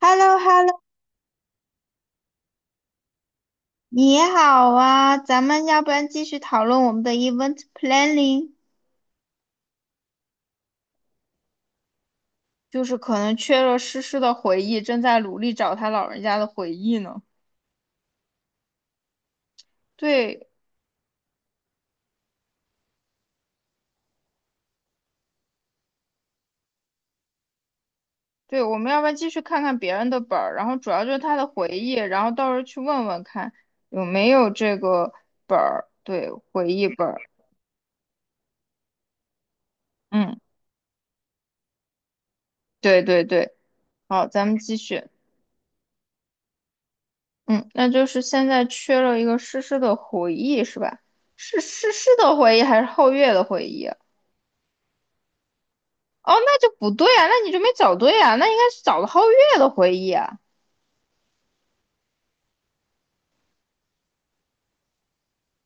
h e l l o h e l l o 你好啊，咱们要不然继续讨论我们的 event planning，就是可能缺了诗诗的回忆，正在努力找他老人家的回忆呢。对对，我们要不然继续看看别人的本儿，然后主要就是他的回忆，然后到时候去问问看有没有这个本儿，对，回忆本儿。嗯，对对对，好，咱们继续。嗯，那就是现在缺了一个诗诗的回忆是吧？是诗诗的回忆还是后月的回忆啊？哦，那就不对啊，那你就没找对啊，那应该是找了皓月的回忆啊。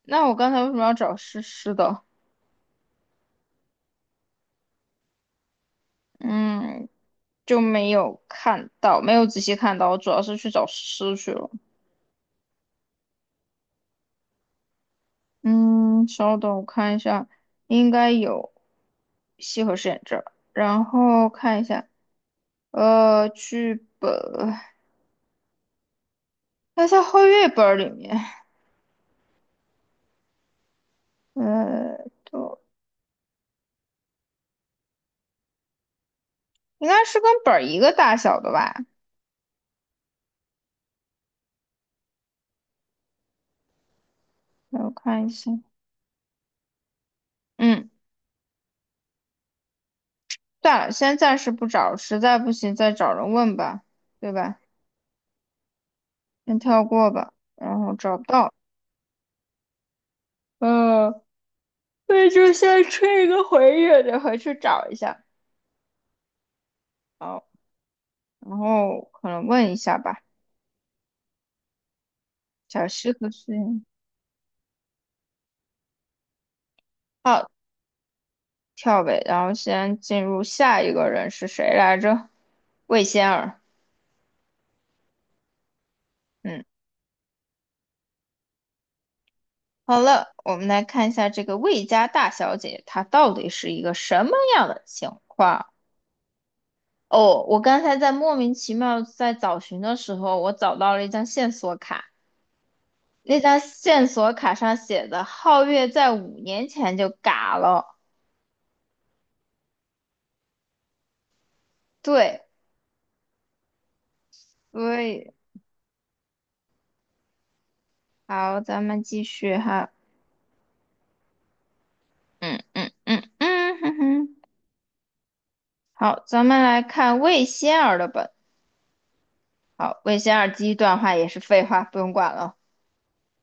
那我刚才为什么要找诗诗的？嗯，就没有看到，没有仔细看到，我主要是去找诗诗去了。嗯，稍等，我看一下，应该有西河饰演这儿，然后看一下，剧本，那在皓月本儿里面，呃，都应该是跟本儿一个大小的吧？让我看一下，嗯。算了，先暂时不找，实在不行再找人问吧，对吧？先跳过吧，然后找不到，嗯，那就先吹一个回忆，得回去找一下。好，然后可能问一下吧，小西和是好跳呗，然后先进入下一个人是谁来着？魏仙儿，嗯，好了，我们来看一下这个魏家大小姐她到底是一个什么样的情况。哦，我刚才在莫名其妙在找寻的时候，我找到了一张线索卡，那张线索卡上写的皓月在5年前就嘎了，对，所以好，咱们继续哈，嗯嗯嗯嗯，哼哼，好，咱们来看魏仙儿的本，好，魏仙儿第一段话也是废话，不用管了。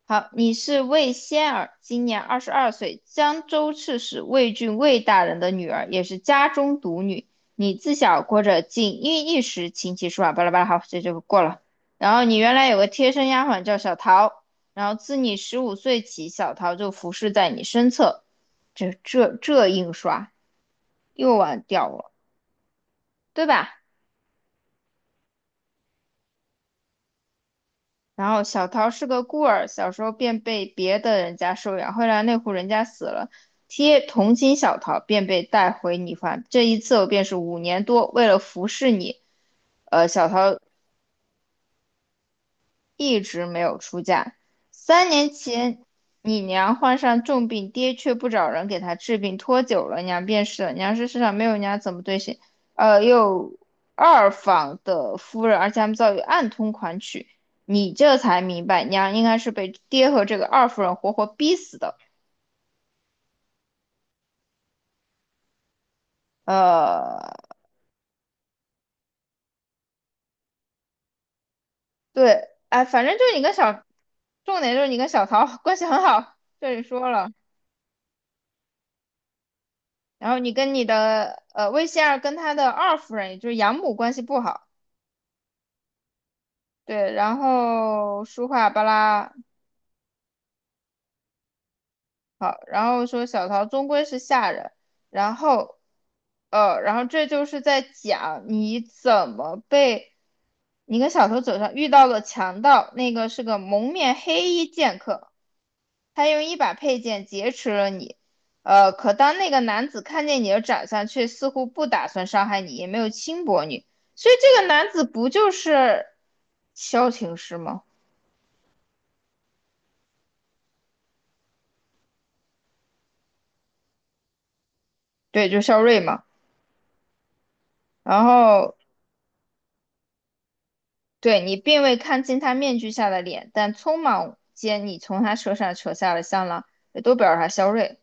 好，你是魏仙儿，今年二十二岁，江州刺史魏郡魏大人的女儿，也是家中独女。你自小过着锦衣玉食、琴棋书画，巴拉巴拉。好，这就过了。然后你原来有个贴身丫鬟叫小桃，然后自你15岁起，小桃就服侍在你身侧。这印刷又忘掉了，对吧？然后小桃是个孤儿，小时候便被别的人家收养，后来那户人家死了，贴同情小桃，便被带回你方。这一次候便是5年多，为了服侍你，小桃一直没有出嫁。3年前，你娘患上重病，爹却不找人给她治病，拖久了，娘便是了。娘是世上没有娘怎么对谁，又二房的夫人，而且他们遭遇暗通款曲。你这才明白，娘应该是被爹和这个二夫人活活逼死的。呃，对，哎，反正就是你跟小，重点就是你跟小桃 关系很好，这里说了。然后你跟你的魏仙儿跟他的二夫人，也就是养母关系不好，对，然后书画巴拉好，然后说小桃终归是下人，然后然后这就是在讲你怎么被你跟小桃走上遇到了强盗，那个是个蒙面黑衣剑客，他用一把佩剑劫持了你。可当那个男子看见你的长相，却似乎不打算伤害你，也没有轻薄你，所以这个男子不就是萧晴师吗？对，就是萧睿嘛。然后对你并未看清他面具下的脸，但匆忙间你从他车上扯下了香囊，也都表示他萧睿。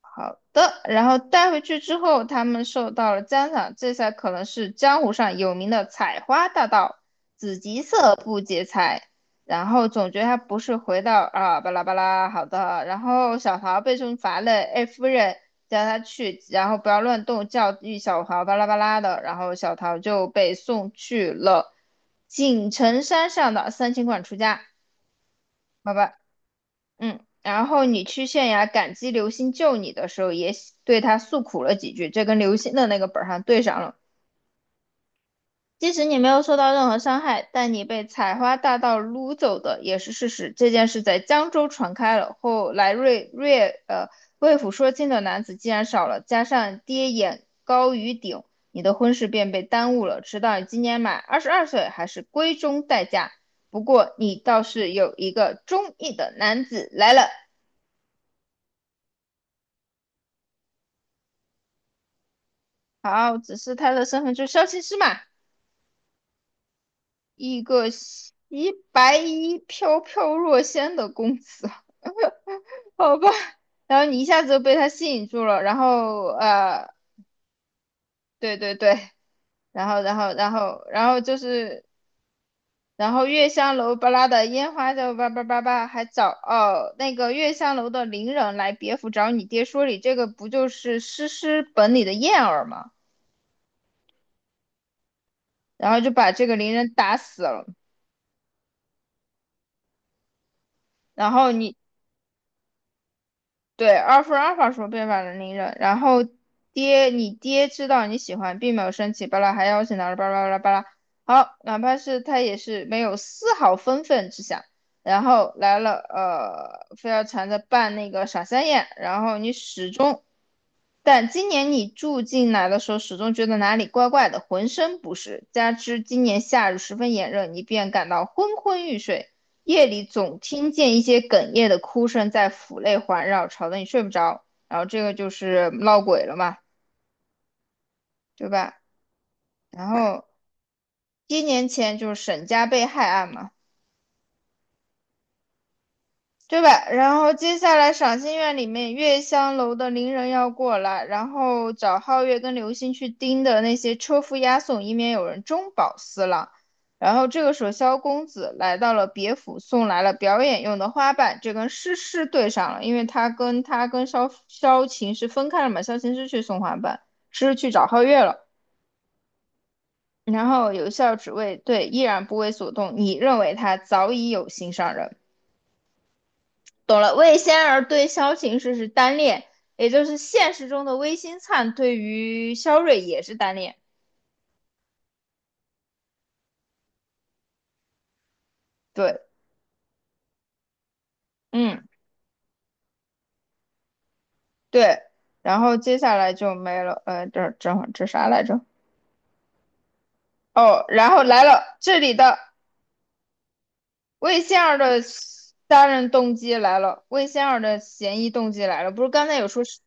好的，然后带回去之后，他们受到了赞赏，这才可能是江湖上有名的采花大盗，紫极色不劫财。然后总觉得他不是回到啊巴拉巴拉，好的。然后小桃被重罚了，哎夫人叫他去，然后不要乱动，教育小桃巴拉巴拉的。然后小桃就被送去了锦城山上的三清观出家，拜拜。嗯，然后你去县衙感激刘星救你的时候，也喜对他诉苦了几句，这跟刘星的那个本儿上对上了。即使你没有受到任何伤害，但你被采花大盗掳走的也是事实。这件事在江州传开了，后来瑞瑞呃魏府说亲的男子既然少了，加上爹眼高于顶，你的婚事便被耽误了，直到你今年满二十二岁，还是闺中待嫁。不过你倒是有一个中意的男子来了。好，只是他的身份就是消琴师嘛，一个洗白衣飘飘若仙的公子，好吧。然后你一下子就被他吸引住了，然后对对对，然后就是，然后月香楼巴拉的烟花就叭叭叭叭，还找哦那个月香楼的伶人来别府找你爹说理，这个不就是诗诗本里的燕儿吗？然后就把这个伶人打死了。然后你对，阿尔二阿尔法说变法能力人，然后爹，你爹知道你喜欢，并没有生气，巴拉还邀请他了，巴拉巴拉巴拉。好，哪怕是他也是没有丝毫愤愤之想，然后来了，非要缠着办那个傻三眼，然后你始终但今年你住进来的时候，始终觉得哪里怪怪的，浑身不适。加之今年夏日十分炎热，你便感到昏昏欲睡。夜里总听见一些哽咽的哭声在府内环绕，吵得你睡不着。然后这个就是闹鬼了嘛，对吧？然后1年前就是沈家被害案嘛，对吧？然后接下来赏心院里面月香楼的伶人要过来，然后找皓月跟流星去盯的那些车夫押送，以免有人中饱私囊。然后这个时候，萧公子来到了别府，送来了表演用的花瓣，这跟诗诗对上了，因为他跟萧晴是分开了嘛，萧晴是去送花瓣，诗诗去找皓月了。然后有笑只为对，依然不为所动。你认为他早已有心上人，懂了，魏仙儿对萧晴是单恋，也就是现实中的魏新灿对于萧睿也是单恋。对，嗯，对。然后接下来就没了，这这这啥来着？哦，然后来了这里的魏仙儿的杀人动机来了，魏仙儿的嫌疑动机来了。不是刚才有说是，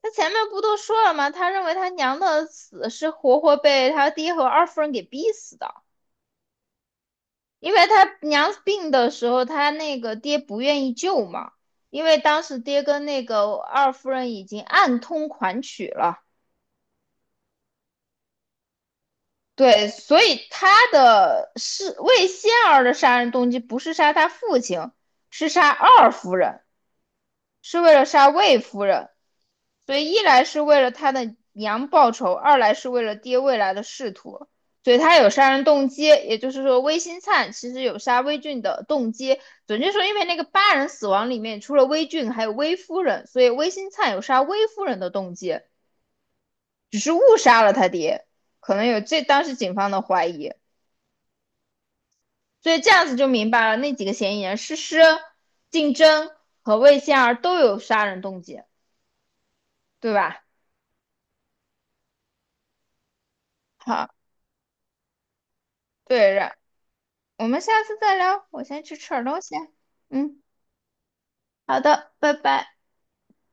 他前面不都说了吗？他认为他娘的死是活活被他爹和二夫人给逼死的。因为他娘病的时候，他那个爹不愿意救嘛，因为当时爹跟那个二夫人已经暗通款曲了，对，所以他的是魏仙儿的杀人动机不是杀他父亲，是杀二夫人。是为了杀魏夫人，所以一来是为了他的娘报仇，二来是为了爹未来的仕途，所以他有杀人动机。也就是说，魏新灿其实有杀魏俊的动机。准确说，因为那个8人死亡里面除了魏俊还有魏夫人，所以魏新灿有杀魏夫人的动机，只是误杀了他爹，可能有这当时警方的怀疑。所以这样子就明白了，那几个嫌疑人诗诗、竞争和魏仙儿都有杀人动机，对吧？好，对，然我们下次再聊，我先去吃点东西。嗯，好的，拜拜。